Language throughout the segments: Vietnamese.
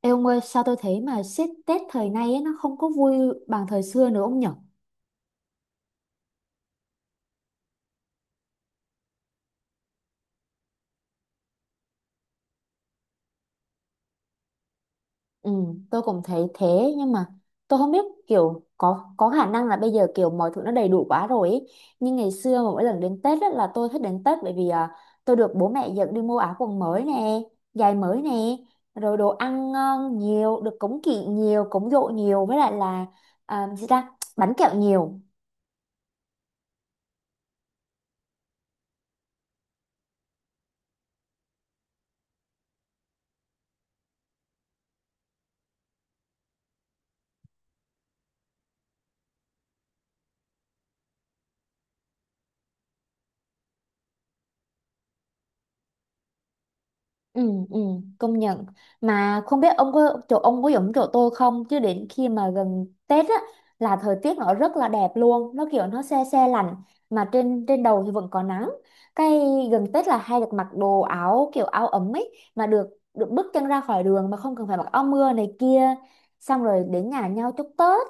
Ê ông ơi, sao tôi thấy mà xếp Tết thời nay ấy, nó không có vui bằng thời xưa nữa ông nhở? Ừ, tôi cũng thấy thế. Nhưng mà tôi không biết kiểu có khả năng là bây giờ kiểu mọi thứ nó đầy đủ quá rồi ấy. Nhưng ngày xưa mà mỗi lần đến Tết á, là tôi thích đến Tết bởi vì tôi được bố mẹ dẫn đi mua áo quần mới nè, giày mới nè, rồi đồ ăn ngon nhiều, được cúng kỵ nhiều, cúng giỗ nhiều với lại là à, gì ta? Bánh kẹo nhiều. Ừ, ừ, công nhận. Mà không biết ông có chỗ ông có giống chỗ tôi không, chứ đến khi mà gần Tết á là thời tiết nó rất là đẹp luôn, nó kiểu nó se se lạnh mà trên trên đầu thì vẫn có nắng. Cái gần Tết là hay được mặc đồ áo kiểu áo ấm ấy, mà được được bước chân ra khỏi đường mà không cần phải mặc áo mưa này kia, xong rồi đến nhà nhau chúc Tết.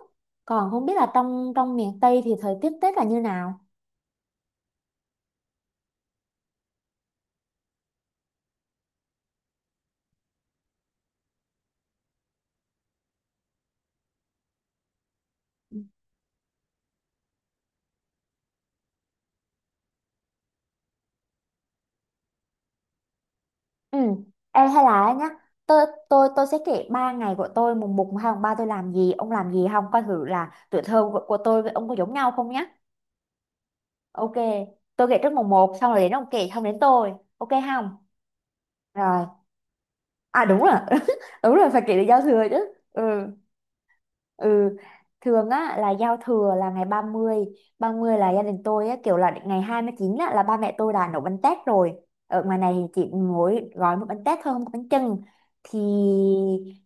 Còn không biết là trong trong miền Tây thì thời tiết Tết là như nào? Ừ. Ê, hay là á nhá, tôi sẽ kể 3 ngày của tôi, mùng một mùng hai mùng ba tôi làm gì ông làm gì, không coi thử là tuổi thơ của tôi với ông có giống nhau không nhá? Ok, tôi kể trước mùng một xong rồi đến ông kể xong đến tôi, ok không? Rồi. À, đúng rồi. đúng rồi phải kể được giao thừa chứ. Ừ, Ừ, thường á là giao thừa là ngày 30. 30 là gia đình tôi á kiểu là ngày 29 á là ba mẹ tôi đã nấu bánh tét rồi. Ở ngoài này thì chỉ mỗi gói một bánh tét thôi không có bánh chưng. Thì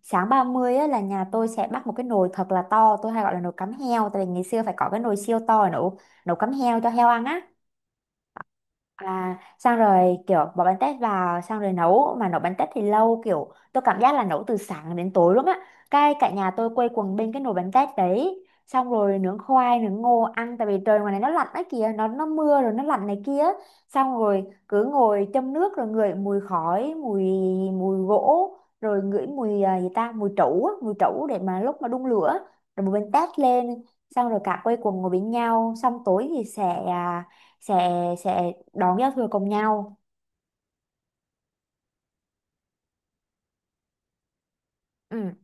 sáng 30 á là nhà tôi sẽ bắt một cái nồi thật là to, tôi hay gọi là nồi cắm heo tại vì ngày xưa phải có cái nồi siêu to để nấu nấu cắm heo cho heo ăn á. À, xong rồi kiểu bỏ bánh tét vào xong rồi nấu, mà nấu bánh tét thì lâu kiểu tôi cảm giác là nấu từ sáng đến tối luôn á, cái cả nhà tôi quây quần bên cái nồi bánh tét đấy, xong rồi nướng khoai nướng ngô ăn tại vì trời ngoài này nó lạnh đấy kìa, nó mưa rồi nó lạnh này kia, xong rồi cứ ngồi châm nước rồi ngửi mùi khói, mùi mùi gỗ, rồi ngửi mùi à, gì ta, mùi trấu á, mùi trấu để mà lúc mà đun lửa rồi một bên tét lên, xong rồi cả quây quần ngồi bên nhau, xong tối thì sẽ sẽ đón giao thừa cùng nhau. Ừ.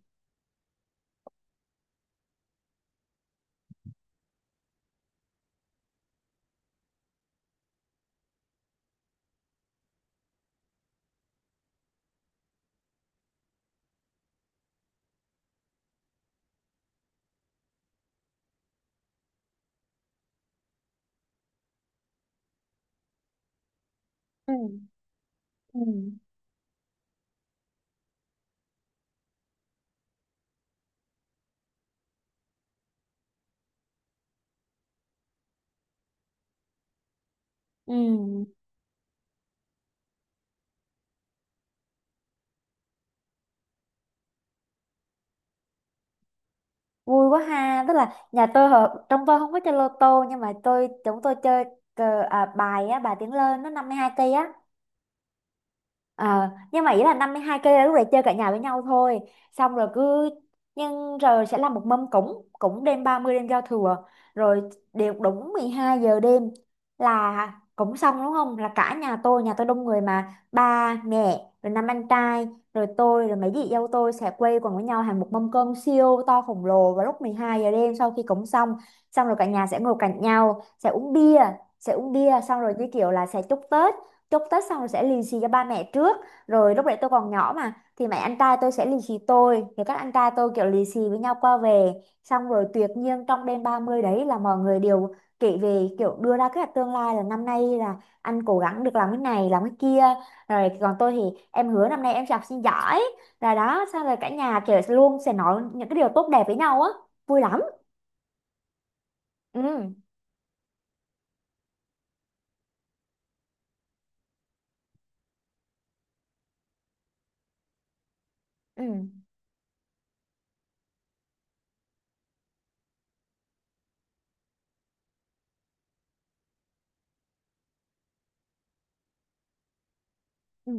Ừ. Ừ. Ừ, vui quá ha, tức là nhà tôi trong tôi không có chơi lô tô, nhưng mà chúng tôi chơi cờ, à, bài á, bài tiếng lên nó 52 cây á. Ờ, nhưng mà ý là 52 cây là lúc đấy chơi cả nhà với nhau thôi, xong rồi cứ, nhưng rồi sẽ làm một mâm cúng cúng đêm 30 đêm giao thừa, rồi đều đúng 12 giờ đêm là cúng xong đúng không, là cả nhà tôi đông người mà, ba mẹ rồi 5 anh trai rồi tôi rồi mấy chị dâu tôi sẽ quây quần với nhau, hàng một mâm cơm siêu to khổng lồ vào lúc 12 giờ đêm sau khi cúng xong. Xong rồi cả nhà sẽ ngồi cạnh nhau sẽ uống bia, xong rồi như kiểu là sẽ chúc Tết. Chúc Tết xong rồi sẽ lì xì cho ba mẹ trước, rồi lúc đấy tôi còn nhỏ mà thì mẹ, anh trai tôi sẽ lì xì tôi, rồi các anh trai tôi kiểu lì xì với nhau qua về, xong rồi tuyệt nhiên trong đêm 30 đấy là mọi người đều kể về, kiểu đưa ra kế hoạch tương lai, là năm nay là anh cố gắng được làm cái này làm cái kia, rồi còn tôi thì em hứa năm nay em sẽ học sinh giỏi, rồi đó xong rồi cả nhà kiểu luôn sẽ nói những cái điều tốt đẹp với nhau á, vui lắm. Ừ. Ừ. Ừ.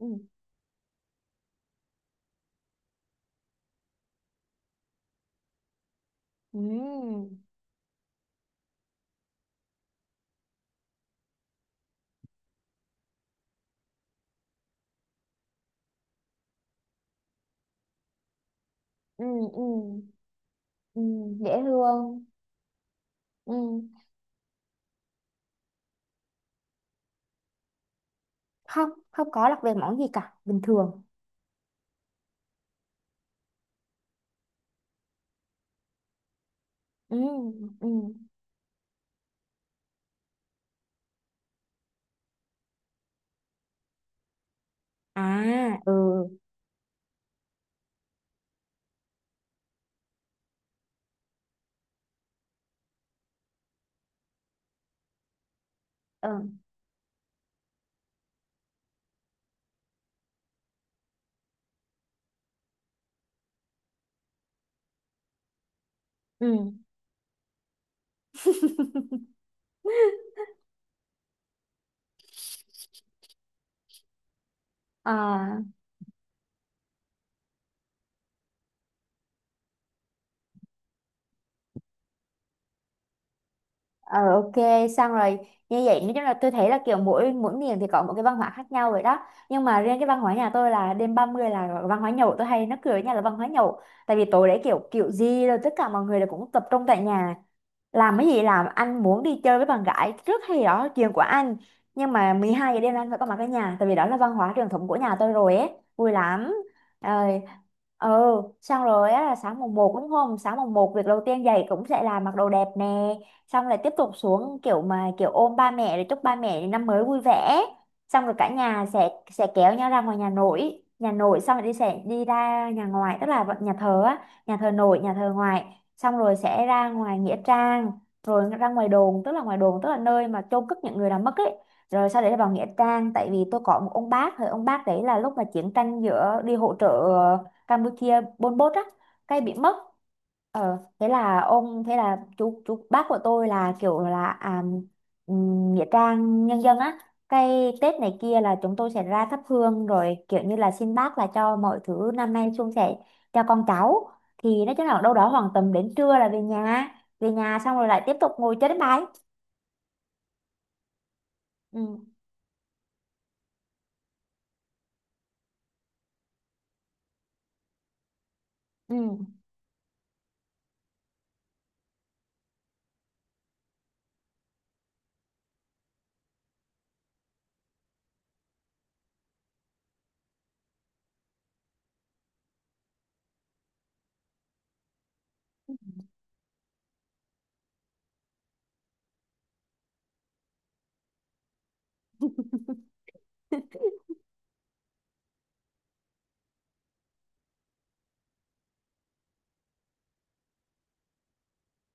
Ừ. Ừ. Ừ. Ừ, ừ. Ừ, dễ thương. Ừ. Không, không có lạc về món gì cả, bình thường. Ừ. Ừ. À, ừ. Ừ, ừ. À. Ờ, ok, xong rồi, như vậy nói chung là tôi thấy là kiểu mỗi mỗi miền thì có một cái văn hóa khác nhau rồi đó, nhưng mà riêng cái văn hóa nhà tôi là đêm 30 là văn hóa nhậu, tôi hay nó cười với nhau là văn hóa nhậu, tại vì tối đấy kiểu kiểu gì rồi tất cả mọi người là cũng tập trung tại nhà, làm cái gì làm, anh muốn đi chơi với bạn gái rất hay đó chuyện của anh, nhưng mà 12 giờ đêm anh phải có mặt ở nhà, tại vì đó là văn hóa truyền thống của nhà tôi rồi ấy, vui lắm. Rồi. Ừ, xong rồi á là sáng mùng một đúng không, sáng mùng một việc đầu tiên dậy cũng sẽ là mặc đồ đẹp nè, xong lại tiếp tục xuống kiểu mà kiểu ôm ba mẹ để chúc ba mẹ năm mới vui vẻ, xong rồi cả nhà sẽ kéo nhau ra ngoài nhà nội, xong rồi sẽ đi ra nhà ngoài tức là nhà thờ á, nhà thờ nội nhà thờ ngoại, xong rồi sẽ ra ngoài nghĩa trang, rồi ra ngoài đồn, tức là ngoài đồn tức là nơi mà chôn cất những người đã mất ấy, rồi sau đấy là vào nghĩa trang, tại vì tôi có một ông bác thì ông bác đấy là lúc mà chiến tranh giữa đi hỗ trợ Campuchia Pol Pot á cái bị mất. Ờ thế là ông, thế là chú bác của tôi là kiểu là nghĩa trang nhân dân á, cái Tết này kia là chúng tôi sẽ ra thắp hương rồi kiểu như là xin bác là cho mọi thứ năm nay suôn sẻ cho con cháu, thì nói chung là đâu đó khoảng tầm đến trưa là về nhà. Xong rồi lại tiếp tục ngồi chơi đánh bài. Ừ. Ừ.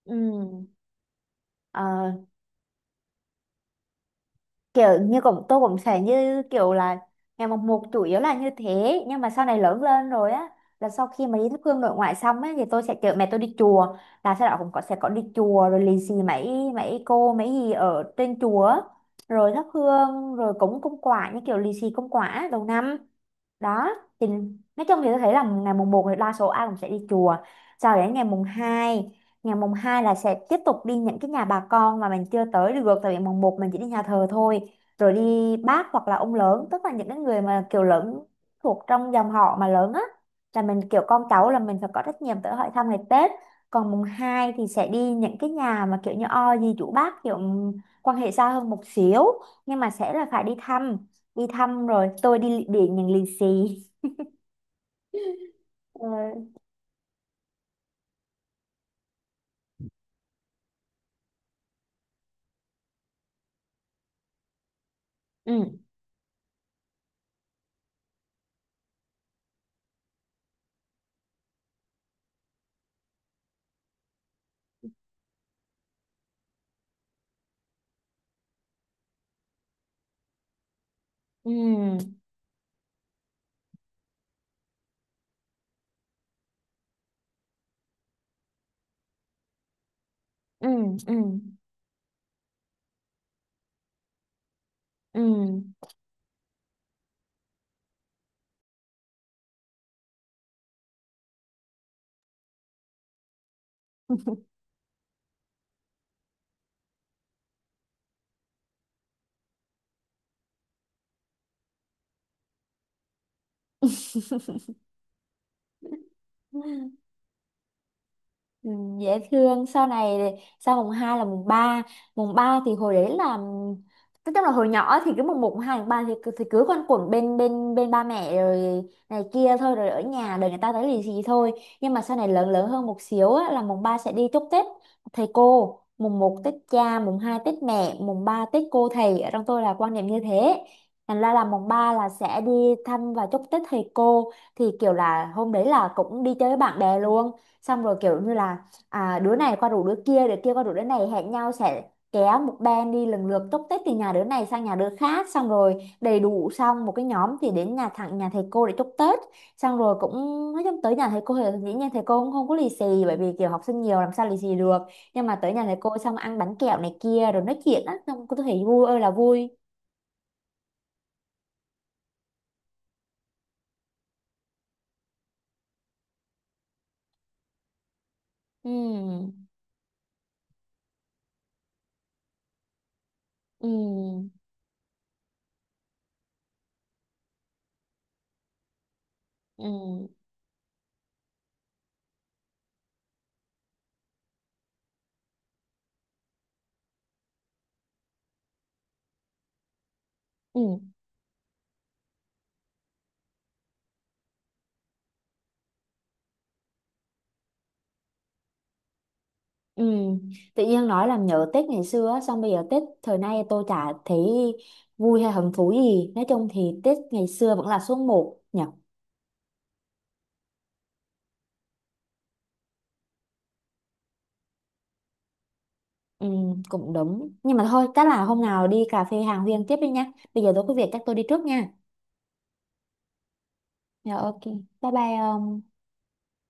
Ừ. Ờ, kiểu như tôi cũng sẽ như kiểu là ngày mồng một chủ yếu là như thế, nhưng mà sau này lớn lên rồi á là sau khi mà đi thắp hương nội ngoại xong ấy thì tôi sẽ chở mẹ tôi đi chùa, là sau đó cũng có sẽ có đi chùa rồi lì xì mấy mấy cô mấy gì ở trên chùa á, rồi thắp hương rồi cúng cúng quả như kiểu lì xì cúng quả đầu năm đó. Thì nói chung thì tôi thấy là ngày mùng một thì đa số ai cũng sẽ đi chùa, sau đến ngày mùng hai là sẽ tiếp tục đi những cái nhà bà con mà mình chưa tới được, tại vì mùng một mình chỉ đi nhà thờ thôi, rồi đi bác hoặc là ông lớn, tức là những cái người mà kiểu lớn thuộc trong dòng họ mà lớn á, là mình kiểu con cháu là mình phải có trách nhiệm tới hỏi thăm ngày Tết. Còn mùng 2 thì sẽ đi những cái nhà mà kiểu như o dì chú bác, kiểu quan hệ xa hơn một xíu, nhưng mà sẽ là phải đi thăm, rồi tôi đi điện những lì xì. Ừ. Ừ. Ừ. Ừ. Ừ. Ừ. Ừ, dễ thương. Sau này, sau mùng 2 là mùng ba. Mùng 3 thì hồi đấy là tức tức là hồi nhỏ thì cứ mùng một mùng 2 mùng 3 thì, thì cứ quanh quẩn bên bên bên ba mẹ rồi này kia thôi, rồi ở nhà đợi người ta tới lì xì thôi. Nhưng mà sau này lớn lớn hơn một xíu á, là mùng 3 sẽ đi chúc Tết thầy cô, mùng một Tết cha mùng 2 Tết mẹ mùng 3 Tết cô thầy, ở trong tôi là quan niệm như thế, thành ra là mùng 3 là sẽ đi thăm và chúc Tết thầy cô. Thì kiểu là hôm đấy là cũng đi chơi với bạn bè luôn, xong rồi kiểu như là đứa này qua rủ đứa kia, đứa kia qua rủ đứa này, hẹn nhau sẽ kéo một band đi lần lượt túc tết từ nhà đứa này sang nhà đứa khác, xong rồi đầy đủ xong một cái nhóm thì đến nhà thầy cô để chúc Tết. Xong rồi cũng, nói chung tới nhà thầy cô thì dĩ nhiên thầy cô cũng không có lì xì bởi vì kiểu học sinh nhiều làm sao lì xì được, nhưng mà tới nhà thầy cô xong ăn bánh kẹo này kia rồi nói chuyện á xong cô thấy vui ơi là vui. Ừ. Ừ. Ừ. Ừ. Ừ, tự nhiên nói làm nhớ Tết ngày xưa á, xong bây giờ Tết thời nay tôi chả thấy vui hay hứng thú gì, nói chung thì Tết ngày xưa vẫn là số một nhỉ. Ừ, cũng đúng, nhưng mà thôi chắc là hôm nào đi cà phê hàng huyên tiếp đi nha, bây giờ tôi có việc chắc tôi đi trước nha. Dạ ok, bye bye ông.